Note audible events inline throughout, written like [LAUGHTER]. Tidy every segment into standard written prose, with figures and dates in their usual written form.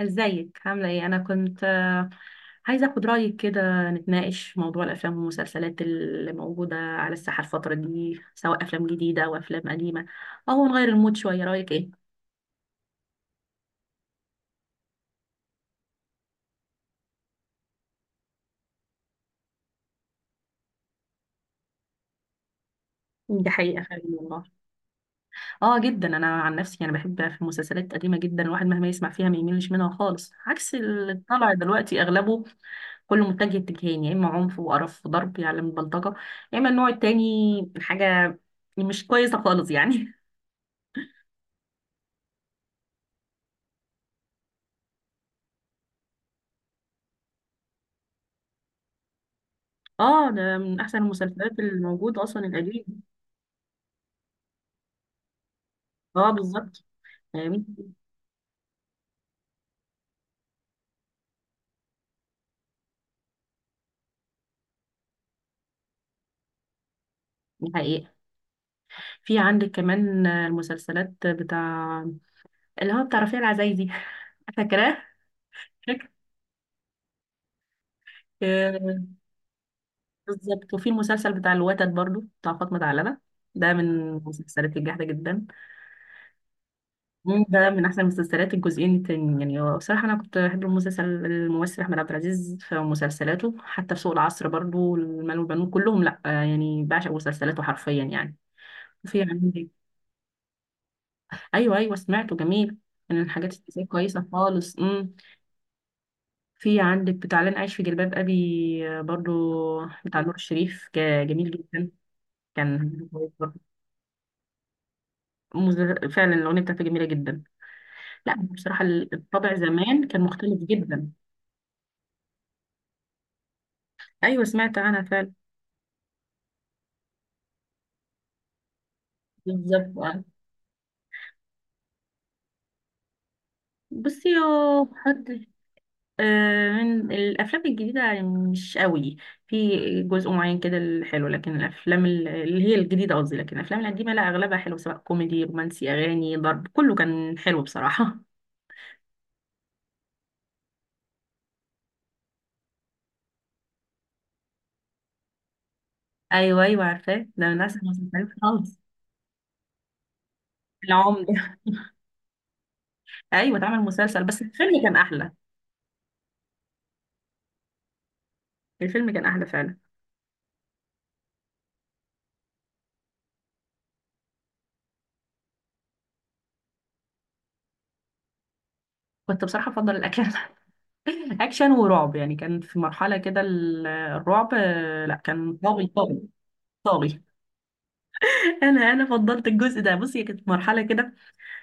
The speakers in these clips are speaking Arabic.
ازيك؟ عاملة ايه؟ انا كنت عايزة اخد رأيك كده، نتناقش في موضوع الافلام والمسلسلات اللي موجودة على الساحة الفترة دي، سواء افلام جديدة او افلام قديمة، او نغير المود شوية. رأيك ايه؟ دي حقيقة فعلا والله. اه جدا. انا عن نفسي انا بحب في المسلسلات القديمة جدا، الواحد مهما يسمع فيها ما يميلش منها خالص، عكس اللي طالع دلوقتي اغلبه كله متجه اتجاهين، يا اما عنف وقرف وضرب يعلم البلطجة، يا اما النوع التاني حاجة مش كويسة خالص يعني. اه، ده من احسن المسلسلات الموجودة اصلا القديم. اه بالظبط، فاهمين. دي حقيقة. في عندك كمان المسلسلات بتاع اللي هو بتاع رفيع العزايزي. [LAUGHS] فاكراه؟ فاكرة؟ آه، بالظبط. وفي المسلسل بتاع الوتد، برضو بتاع فاطمة علبة، ده من المسلسلات الجامدة جدا. ده من احسن المسلسلات. الجزئين التاني يعني، هو بصراحة انا كنت بحب المسلسل، الممثل احمد عبد العزيز في مسلسلاته، حتى في سوق العصر برضو، المال والبنون، كلهم لا يعني بعشق مسلسلاته حرفيا يعني. في عندك؟ ايوه ايوه سمعته، جميل. من الحاجات السياسيه كويسه خالص. في عندك بتاع لن، عايش في جلباب ابي برضو بتاع نور الشريف، جميل جدا. كان كويس برضو. فعلا الاغنيه بتاعته جميله جدا. لا بصراحه، الطبع زمان كان مختلف جدا. ايوه سمعت عنها فعلا. بالظبط آه. بصي يا حد، من الافلام الجديده يعني مش قوي، في جزء معين كده الحلو، لكن الافلام اللي هي الجديده قصدي، لكن الافلام القديمه لا اغلبها حلو، سواء كوميدي، رومانسي، اغاني، ضرب، كله كان حلو بصراحه. [LAUGHS] ايوه ايوه عارفاه، ده من احسن المسلسلات خالص. العمده. [LAUGHS] ايوه اتعمل مسلسل، بس الفيلم كان احلى. الفيلم كان احلى فعلا. كنت بصراحه افضل الاكشن. [LAUGHS] اكشن ورعب يعني، كان في مرحله كده الرعب لا كان طاغي، طاغي، طاغي. [LAUGHS] انا فضلت الجزء ده. بصي كانت مرحله كده،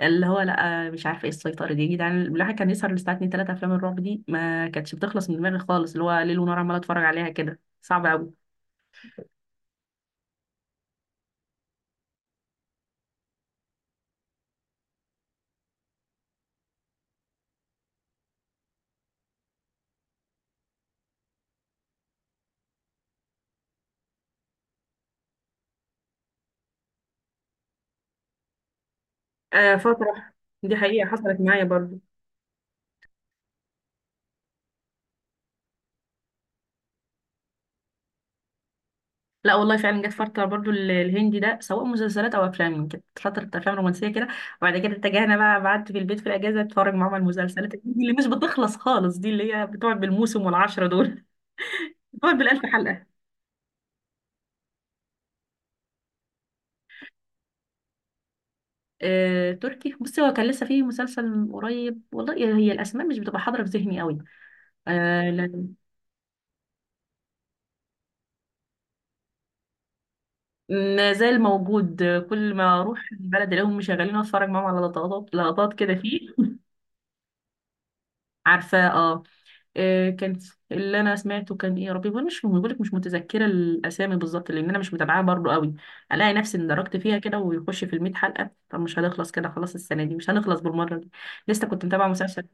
اللي هو لا مش عارفه ايه السيطره دي يا جدعان. الواحد كان يسهر للساعه 2 3، افلام الرعب دي ما كانتش بتخلص من دماغي خالص، اللي هو ليل ونهار عماله اتفرج عليها كده، صعب قوي. آه فتره، دي حقيقه حصلت معايا برضو. لا والله فعلا جت فتره برضو الهندي ده، سواء مسلسلات او افلام، كانت فتره افلام رومانسيه كده، وبعد كده اتجهنا بقى، قعدت في البيت في الاجازه اتفرج معاهم على المسلسلات الهندي اللي مش بتخلص خالص دي، اللي هي بتقعد بالموسم والعشره دول. [LAUGHS] بتقعد بالالف حلقه. تركي، بصي هو كان لسه فيه مسلسل قريب والله، هي الاسماء مش بتبقى حاضره في ذهني قوي. آه لا. ما زال موجود، كل ما اروح البلد الاقيهم مشغلين، اتفرج معاهم على لقطات كده فيه. [LAUGHS] عارفاه اه. كان، اللي انا سمعته كان ايه يا ربي، وانا مش بقول لك مش متذكره الاسامي بالظبط، لان انا مش متابعاها برضو قوي. الاقي نفسي اندركت فيها كده، ويخش في ال 100 حلقه، طب مش هنخلص كده، خلاص السنه دي مش هنخلص بالمره دي. لسه كنت متابعه مسلسل.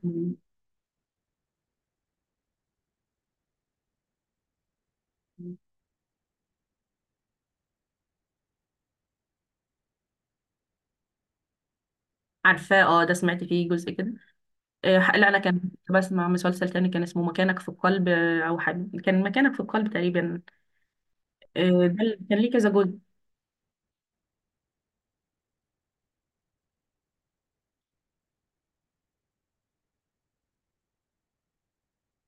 عارفاه اه، ده سمعت فيه جزء كده. لا انا كان كنت بسمع مسلسل تاني كان اسمه مكانك في القلب، او حد كان مكانك في القلب تقريبا. ده اللي كان ليه كذا جزء.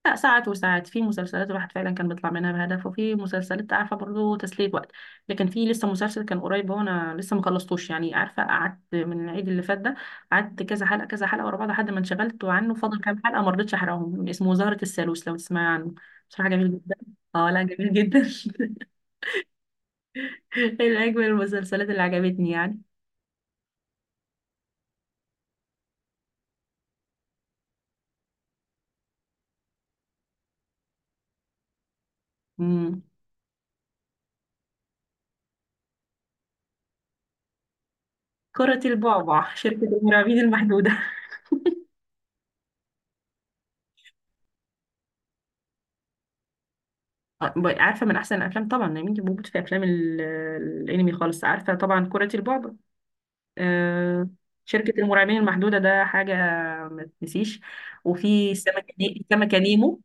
لا ساعات وساعات، في مسلسلات الواحد فعلا كان بيطلع منها بهدف، وفي مسلسلات عارفه برضه تسلية وقت، لكن في لسه مسلسل كان قريب، هو انا لسه ما خلصتوش يعني، عارفه قعدت من العيد اللي فات ده، قعدت كذا حلقه كذا حلقه ورا بعض، لحد ما انشغلت عنه، فاضل كام حلقه ما رضيتش احرقهم، اسمه زهرة الثالوث لو تسمعي عنه. بصراحه جميل جدا. اه لا جميل جدا. [LAUGHS] من اجمل المسلسلات اللي عجبتني يعني. امم كرة البعبع، شركة المرعبين المحدودة. عارفه من احسن الافلام طبعا يا بنتي، بموت في افلام الانمي خالص. عارفه طبعا كرة البعبع، آه، شركة المرعبين المحدودة، ده حاجة ما تنسيش. وفي سمكة نيمو.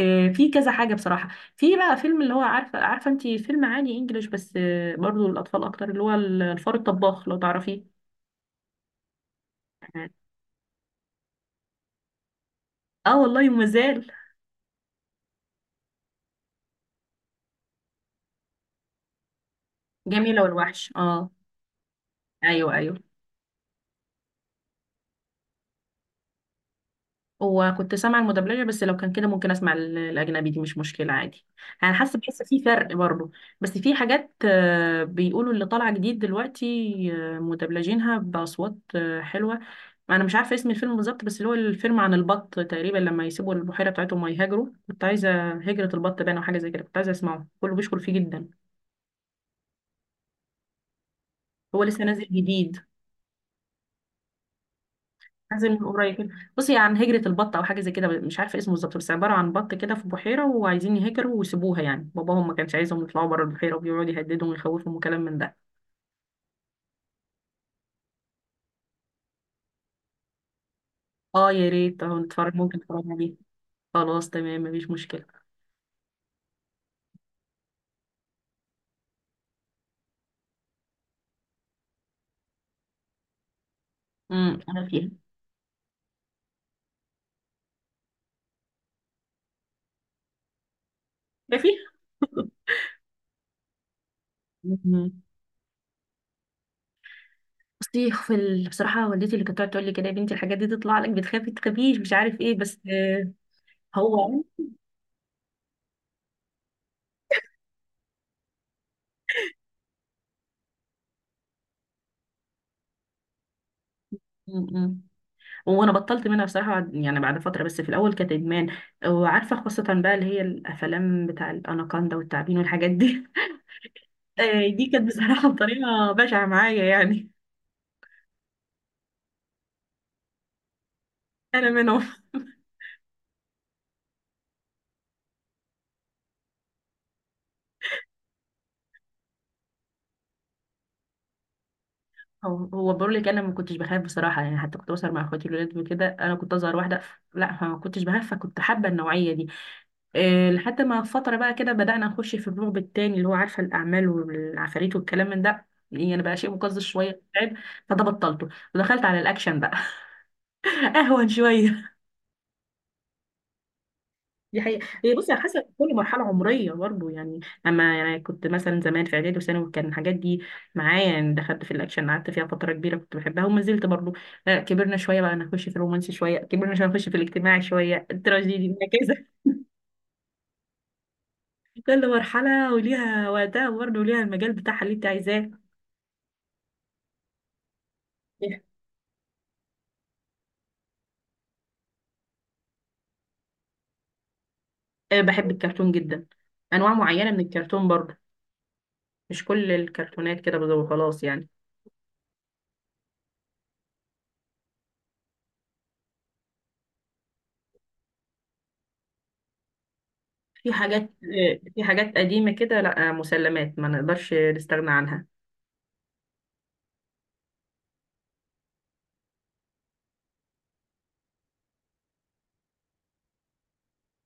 في كذا حاجة بصراحة. في بقى فيلم اللي هو، عارفة عارفة انتي فيلم عادي انجليش بس برضو الأطفال أكتر، اللي هو الفار الطباخ لو تعرفيه. اه والله، ومازال. جميلة والوحش اه. ايوه ايوه. وكنت سامعة المدبلجة، بس لو كان كده ممكن أسمع الأجنبي، دي مش مشكلة عادي. أنا حاسة بحس في فرق برضه. بس في حاجات بيقولوا اللي طالعة جديد دلوقتي، مدبلجينها بأصوات حلوة. أنا مش عارفة اسم الفيلم بالظبط، بس اللي هو الفيلم عن البط تقريبا، لما يسيبوا البحيرة بتاعتهم ويهاجروا، كنت عايزة هجرة البط باين أو حاجة زي كده، كنت عايزة أسمعه، كله بيشكر فيه جدا. هو لسه نازل جديد. نازل من قريب. بصي، عن هجرة البط أو حاجة زي كده مش عارفة إيه اسمه بالظبط، بس عبارة عن بط كده في بحيرة وعايزين يهجروا ويسيبوها، يعني باباهم ما كانش عايزهم يطلعوا بره البحيرة، وبيقعد يهددهم ويخوفهم وكلام من ده. اه يا ريت، اه نتفرج، ممكن نتفرج عليه. خلاص تمام، مفيش مشكلة. امم، أنا فيها يا فيها. [LAUGHS] مم. بصي في ال... بصراحة والدتي اللي كانت تقعد تقول لي كده، يا بنتي الحاجات دي تطلع لك، بتخافي تخافيش مش عارف ايه، بس هو. مم. وانا بطلت منها بصراحه، بعد يعني بعد فتره، بس في الاول كانت ادمان. وعارفه خاصه بقى اللي هي الافلام بتاع الاناكوندا والتعابين والحاجات دي. [LAUGHS] دي كانت بصراحه بطريقه بشعه معايا يعني. انا منهم. هو بقول لك انا ما كنتش بخاف بصراحه يعني، حتى كنت بسهر مع اخواتي الولاد وكده، انا كنت اصغر واحده. لا ما كنتش بخاف، فكنت حابه النوعيه دي. لحد ما فتره بقى كده بدانا نخش في الرعب التاني، اللي هو عارفه الاعمال والعفاريت والكلام من ده يعني، بقى شيء مقزز شويه تعب. فده بطلته. ودخلت على الاكشن بقى. [LAUGHS] اهون شويه. دي حقيقة، هي بصي على حسب كل مرحلة عمرية برضه يعني. أما يعني كنت مثلا زمان في إعدادي وثانوي، كان الحاجات دي معايا يعني، دخلت في الأكشن قعدت فيها فترة كبيرة، كنت بحبها وما زلت برضه. كبرنا شوية بقى نخش في الرومانسي شوية، كبرنا شوية نخش في الاجتماعي شوية، التراجيدي، وهكذا. [LAUGHS] كل مرحلة وليها وقتها برضه، وليها المجال بتاعها اللي أنت عايزاه. بحب الكرتون جدا. أنواع معينة من الكرتون برضه، مش كل الكرتونات كده وخلاص يعني. في حاجات في حاجات قديمة كده لا مسلمات ما نقدرش نستغنى عنها.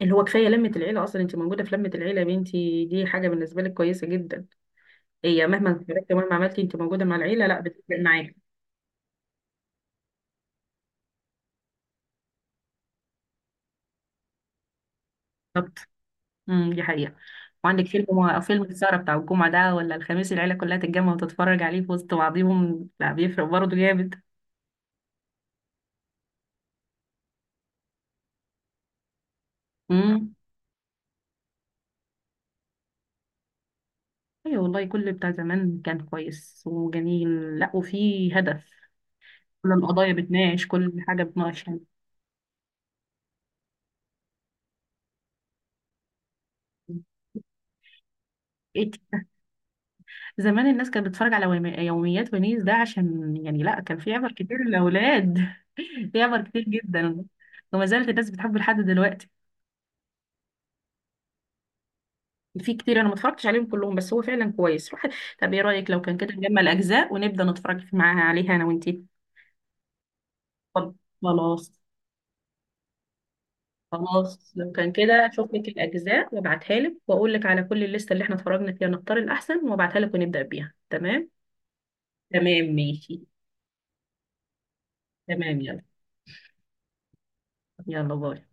اللي هو كفايه لمه العيله، اصلا انت موجوده في لمه العيله يا بنتي، دي حاجه بالنسبه لك كويسه جدا. هي مهما اتفرجتي ومهما عملتي، انت موجوده مع العيله، لا بتفرق معاك. بالظبط. دي حقيقه. وعندك فيلم فيلم السهره بتاع الجمعه ده، ولا الخميس، العيله كلها تتجمع وتتفرج عليه في وسط بعضهم، لا بيفرق برضه جامد. امم. ايوه والله، كل بتاع زمان كان كويس وجميل لا، وفي هدف. كل القضايا بتناقش، كل حاجه بتناقش يعني. إيه. زمان الناس كانت بتتفرج على يوميات ونيس ده، عشان يعني لا كان في عبر كتير للأولاد. [LAUGHS] في عبر كتير جدا. وما زالت الناس بتحبه لحد دلوقتي. في كتير انا ما اتفرجتش عليهم كلهم، بس هو فعلا كويس روح. [LAUGHS] طب ايه رأيك لو كان كده نجمع الأجزاء ونبدأ نتفرج معاها عليها انا وانتي؟ طب خلاص، خلاص لو كان كده اشوف لك الأجزاء وابعتها لك، واقول لك على كل الليستة اللي احنا اتفرجنا فيها نختار الأحسن، وابعتها لك ونبدأ بيها تمام. تمام ماشي. تمام، يلا. يلا باي.